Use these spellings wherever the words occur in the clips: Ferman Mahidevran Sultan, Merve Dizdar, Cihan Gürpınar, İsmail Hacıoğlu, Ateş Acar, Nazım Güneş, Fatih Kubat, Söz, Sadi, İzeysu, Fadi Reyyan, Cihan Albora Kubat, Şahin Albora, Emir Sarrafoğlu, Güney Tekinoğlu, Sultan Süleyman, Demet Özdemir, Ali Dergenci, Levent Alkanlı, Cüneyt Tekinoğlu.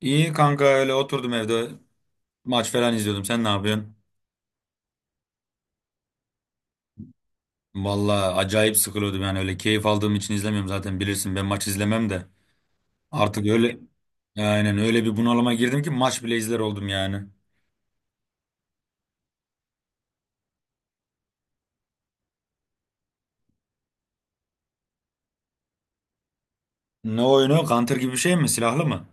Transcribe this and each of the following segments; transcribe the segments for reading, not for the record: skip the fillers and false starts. İyi kanka öyle oturdum evde maç falan izliyordum. Sen ne yapıyorsun? Vallahi acayip sıkılıyordum yani, öyle keyif aldığım için izlemiyorum zaten, bilirsin ben maç izlemem de. Artık öyle, aynen öyle bir bunalıma girdim ki maç bile izler oldum yani. Ne oyunu? Counter gibi bir şey mi? Silahlı mı?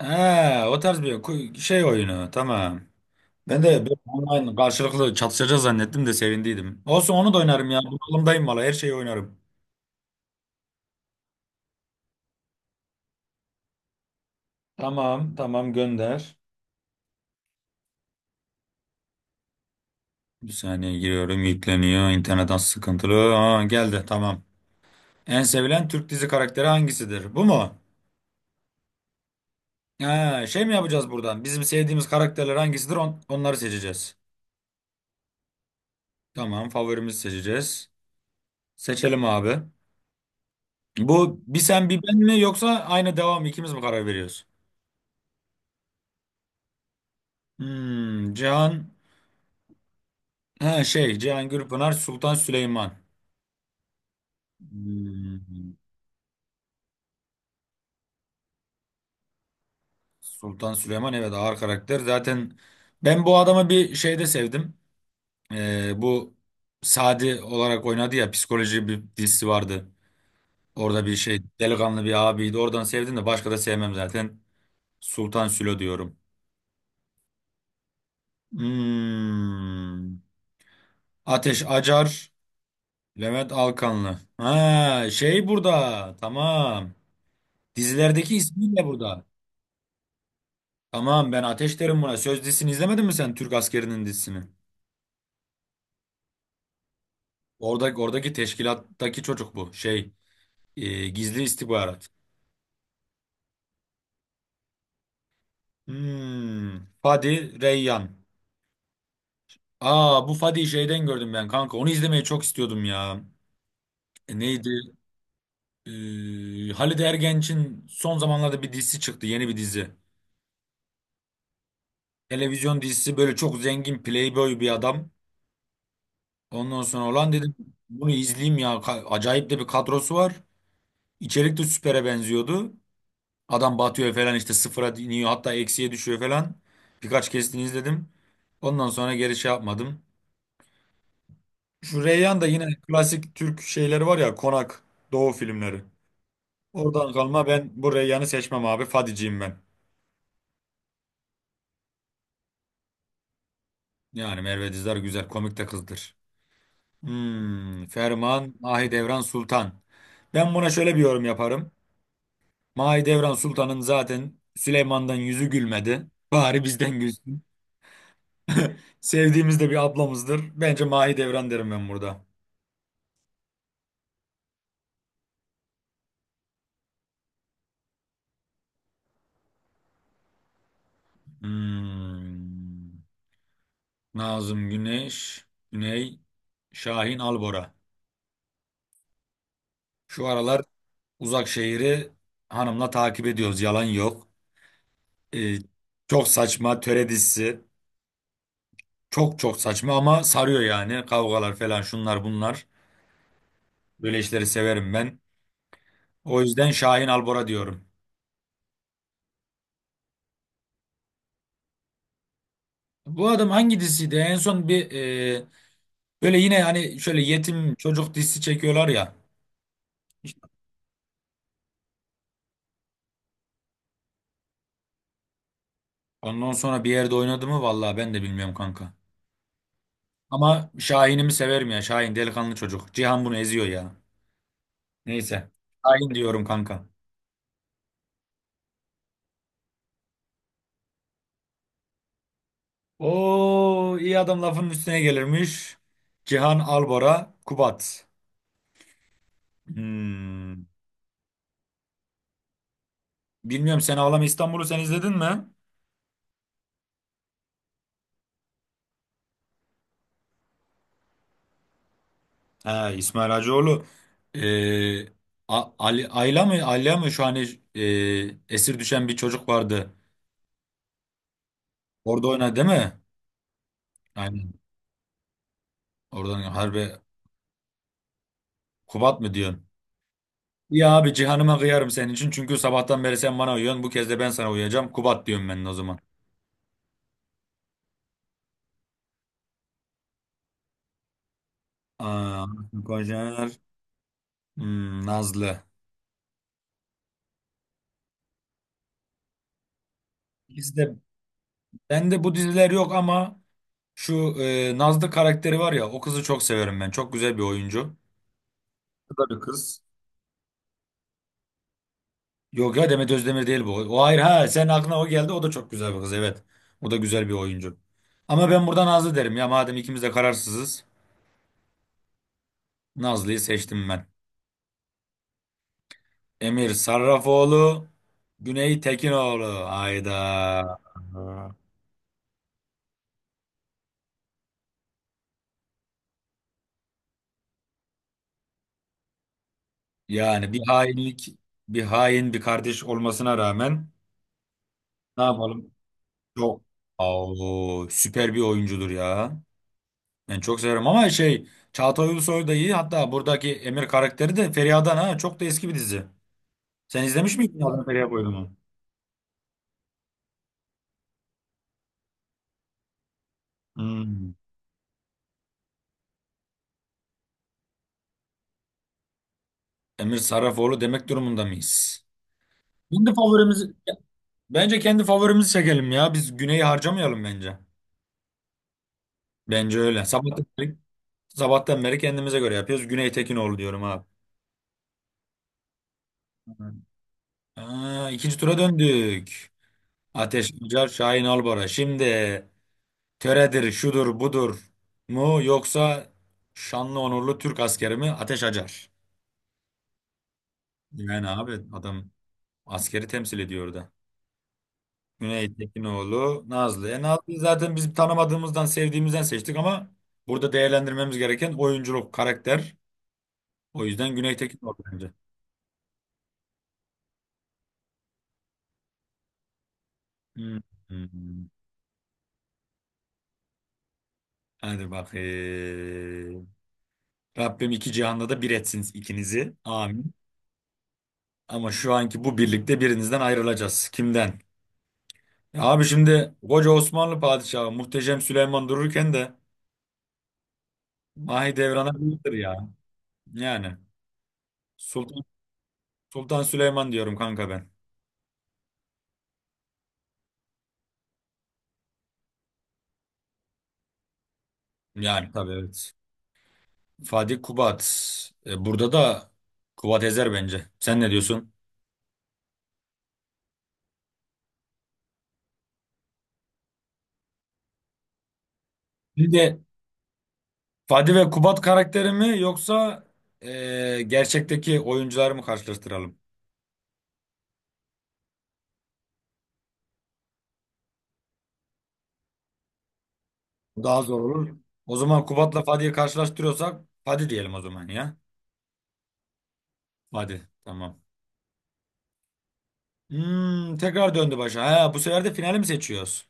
He, o tarz bir şey oyunu, tamam. Ben de böyle online karşılıklı çatışacağız zannettim de sevindiydim. Olsun, onu da oynarım ya. Bunalımdayım valla, her şeyi oynarım. Tamam tamam, gönder. Bir saniye giriyorum, yükleniyor. İnternetten sıkıntılı. Aa, geldi, tamam. En sevilen Türk dizi karakteri hangisidir? Bu mu? Ha, şey mi yapacağız buradan? Bizim sevdiğimiz karakterler hangisidir? Onları seçeceğiz. Tamam, favorimizi seçeceğiz. Seçelim abi. Bu bir sen bir ben mi yoksa aynı devam ikimiz mi karar veriyoruz? Cihan, ha, şey Cihan Gürpınar, Sultan Süleyman. Hmm, Sultan Süleyman, evet ağır karakter. Zaten ben bu adamı bir şeyde sevdim. Bu Sadi olarak oynadı ya, psikoloji bir dizisi vardı. Orada bir şey delikanlı bir abiydi. Oradan sevdim, de başka da sevmem zaten. Sultan Sülo diyorum. Hmm. Ateş Acar, Levent Alkanlı. Ha, şey burada. Tamam. Dizilerdeki ismiyle burada. Tamam, ben Ateş derim buna. Söz dizisini izlemedin mi sen, Türk askerinin dizisini? Oradaki teşkilattaki çocuk bu. Şey, gizli istihbarat. Hmm. Fadi Reyyan. Aa, bu Fadi şeyden gördüm ben kanka. Onu izlemeyi çok istiyordum ya. Neydi? Halide Ergenç'in son zamanlarda bir dizisi çıktı. Yeni bir dizi. Televizyon dizisi, böyle çok zengin playboy bir adam. Ondan sonra olan dedim, bunu izleyeyim ya. Acayip de bir kadrosu var. İçerik de süpere benziyordu. Adam batıyor falan, işte sıfıra iniyor, hatta eksiye düşüyor falan. Birkaç kesitini izledim. Ondan sonra geri şey yapmadım. Şu Reyhan da yine, klasik Türk şeyleri var ya, Konak Doğu filmleri. Oradan kalma, ben bu Reyyan'ı seçmem abi. Fadiciyim ben. Yani Merve Dizdar güzel, komik de kızdır. Ferman, Mahidevran Sultan. Ben buna şöyle bir yorum yaparım. Mahidevran Sultan'ın zaten Süleyman'dan yüzü gülmedi. Bari bizden gülsün. Sevdiğimiz de bir ablamızdır. Bence Mahidevran derim ben burada. Hmm, Nazım Güneş, Güney, Şahin Albora. Şu aralar Uzak Şehir'i hanımla takip ediyoruz. Yalan yok. E, çok saçma töre dizisi. Çok çok saçma ama sarıyor yani. Kavgalar falan, şunlar bunlar. Böyle işleri severim ben. O yüzden Şahin Albora diyorum. Bu adam hangi diziydi? En son bir e, böyle yine, hani şöyle yetim çocuk dizisi çekiyorlar ya. Ondan sonra bir yerde oynadı mı, vallahi ben de bilmiyorum kanka. Ama Şahin'imi severim ya. Şahin delikanlı çocuk. Cihan bunu eziyor ya. Neyse. Şahin diyorum kanka. O, iyi adam lafının üstüne gelirmiş. Cihan Albora, Kubat. Hmm. Bilmiyorum, Sen Ağlama İstanbul'u sen izledin mi? He, İsmail Hacıoğlu. Ee, Ali, Ayla mı? Ayla mı? Şu an e, esir düşen bir çocuk vardı. Orada oynadı değil mi? Aynen. Oradan harbi. Kubat mı diyorsun? Ya abi, Cihan'ıma kıyarım senin için. Çünkü sabahtan beri sen bana uyuyorsun. Bu kez de ben sana uyuyacağım. Kubat diyorum ben de o zaman. Aa, Kocaer. Nazlı. Bende bu diziler yok ama şu Nazlı karakteri var ya, o kızı çok severim ben. Çok güzel bir oyuncu. Bu da bir kız. Yok ya, Demet Özdemir değil bu. O hayır, ha, senin aklına o geldi, o da çok güzel bir kız, evet. O da güzel bir oyuncu. Ama ben burada Nazlı derim ya, madem ikimiz de kararsızız. Nazlı'yı seçtim ben. Emir Sarrafoğlu, Güney Tekinoğlu. Hayda. Aa. Yani bir hainlik, bir hain bir kardeş olmasına rağmen ne yapalım? Çok. Aa, süper bir oyuncudur ya. Ben çok severim, ama şey Çağatay Ulusoy da iyi. Hatta buradaki Emir karakteri de Feriha'dan, ha. Çok da eski bir dizi. Sen izlemiş miydin Nazım Feriha Koyun'u? Hmm. Emir Sarrafoğlu demek durumunda mıyız? Kendi favorimizi, bence kendi favorimizi çekelim ya. Biz Güney'i harcamayalım bence. Bence öyle. Sabahtan beri kendimize göre yapıyoruz. Güney Tekinoğlu diyorum abi. Hı. Aa, ikinci tura döndük. Ateş Acar, Şahin Albora. Şimdi, töredir, şudur, budur mu, yoksa şanlı onurlu Türk askeri mi, Ateş Acar? Yani abi, adam askeri temsil ediyor orada. Cüneyt Tekinoğlu, Nazlı. Nazlı'yı zaten biz tanımadığımızdan, sevdiğimizden seçtik, ama burada değerlendirmemiz gereken oyunculuk, karakter. O yüzden Cüneyt Tekinoğlu bence. Hmm. Hmm. Hmm. Hadi bakayım. Rabbim iki cihanda da bir etsin ikinizi. Amin. Ama şu anki bu birlikte, birinizden ayrılacağız. Kimden? Ya abi, şimdi koca Osmanlı padişahı muhteşem Süleyman dururken de Mahidevran'a bayılır ya. Yani Sultan, Sultan Süleyman diyorum kanka ben. Yani tabii, evet. Fatih, Kubat. Burada da Kubat ezer bence. Sen ne diyorsun? Bir de Fatih ve Kubat karakteri mi, yoksa gerçekteki oyuncuları mı karşılaştıralım? Daha zor olur. O zaman Kubat'la Fatih'i karşılaştırıyorsak, Fatih diyelim o zaman ya. Fatih, tamam. Tekrar döndü başa. Ha, bu sefer de finali mi seçiyoruz?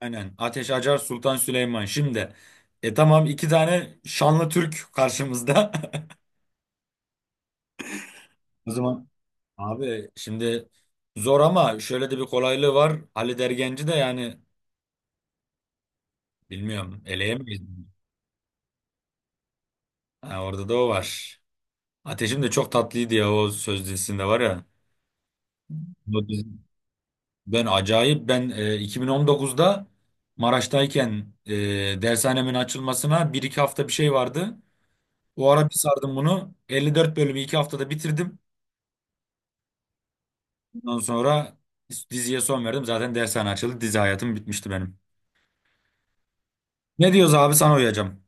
Aynen. Ateş Acar, Sultan Süleyman. Şimdi. Tamam, iki tane şanlı Türk karşımızda. O zaman abi, şimdi zor, ama şöyle de bir kolaylığı var. Ali Dergenci de, yani bilmiyorum, eleyemeyiz. Ha, orada da o var. Ateşim de çok tatlıydı ya, o söz dizisinde var ya. O dizi- Ben acayip ben 2019'da Maraş'tayken dershanemin açılmasına bir iki hafta bir şey vardı. Bu ara bir sardım bunu. 54 bölümü 2 haftada bitirdim. Ondan sonra diziye son verdim. Zaten dershane açıldı. Dizi hayatım bitmişti benim. Ne diyoruz abi, sana uyacağım.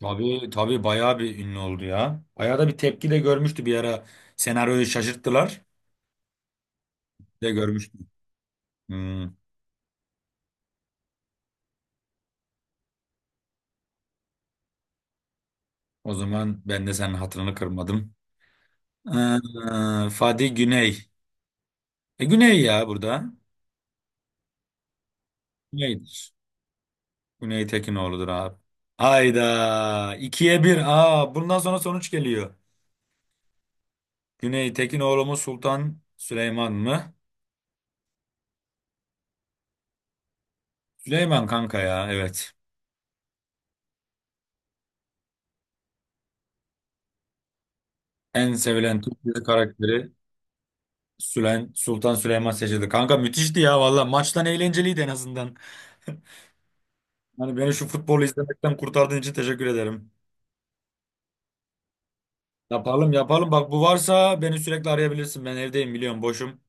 Tabii tabii, bayağı bir ünlü oldu ya. Bayağı da bir tepki de görmüştü bir ara. Senaryoyu şaşırttılar de görmüştüm. Hmm, o zaman ben de senin hatırını kırmadım. Fadi Güney. Güney ya burada. Güney'dir. Güney Tekinoğlu'dur abi. Hayda. 2-1. Aa, bundan sonra sonuç geliyor. Güney Tekinoğlu mu Sultan Süleyman mı? Süleyman kanka ya, evet. En sevilen Türk dizi karakteri Sülen, Sultan Süleyman seçildi. Kanka, müthişti ya valla. Maçtan eğlenceliydi en azından. Hani beni şu futbolu izlemekten kurtardığın için teşekkür ederim. Yapalım yapalım. Bak, bu varsa beni sürekli arayabilirsin. Ben evdeyim biliyorum, boşum.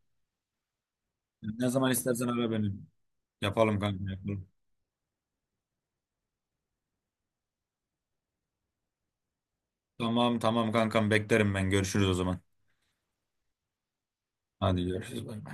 Ne zaman istersen ara beni. Yapalım kanka, yapalım. Tamam tamam kankam, beklerim ben. Görüşürüz o zaman. Hadi görüşürüz. Bay bay.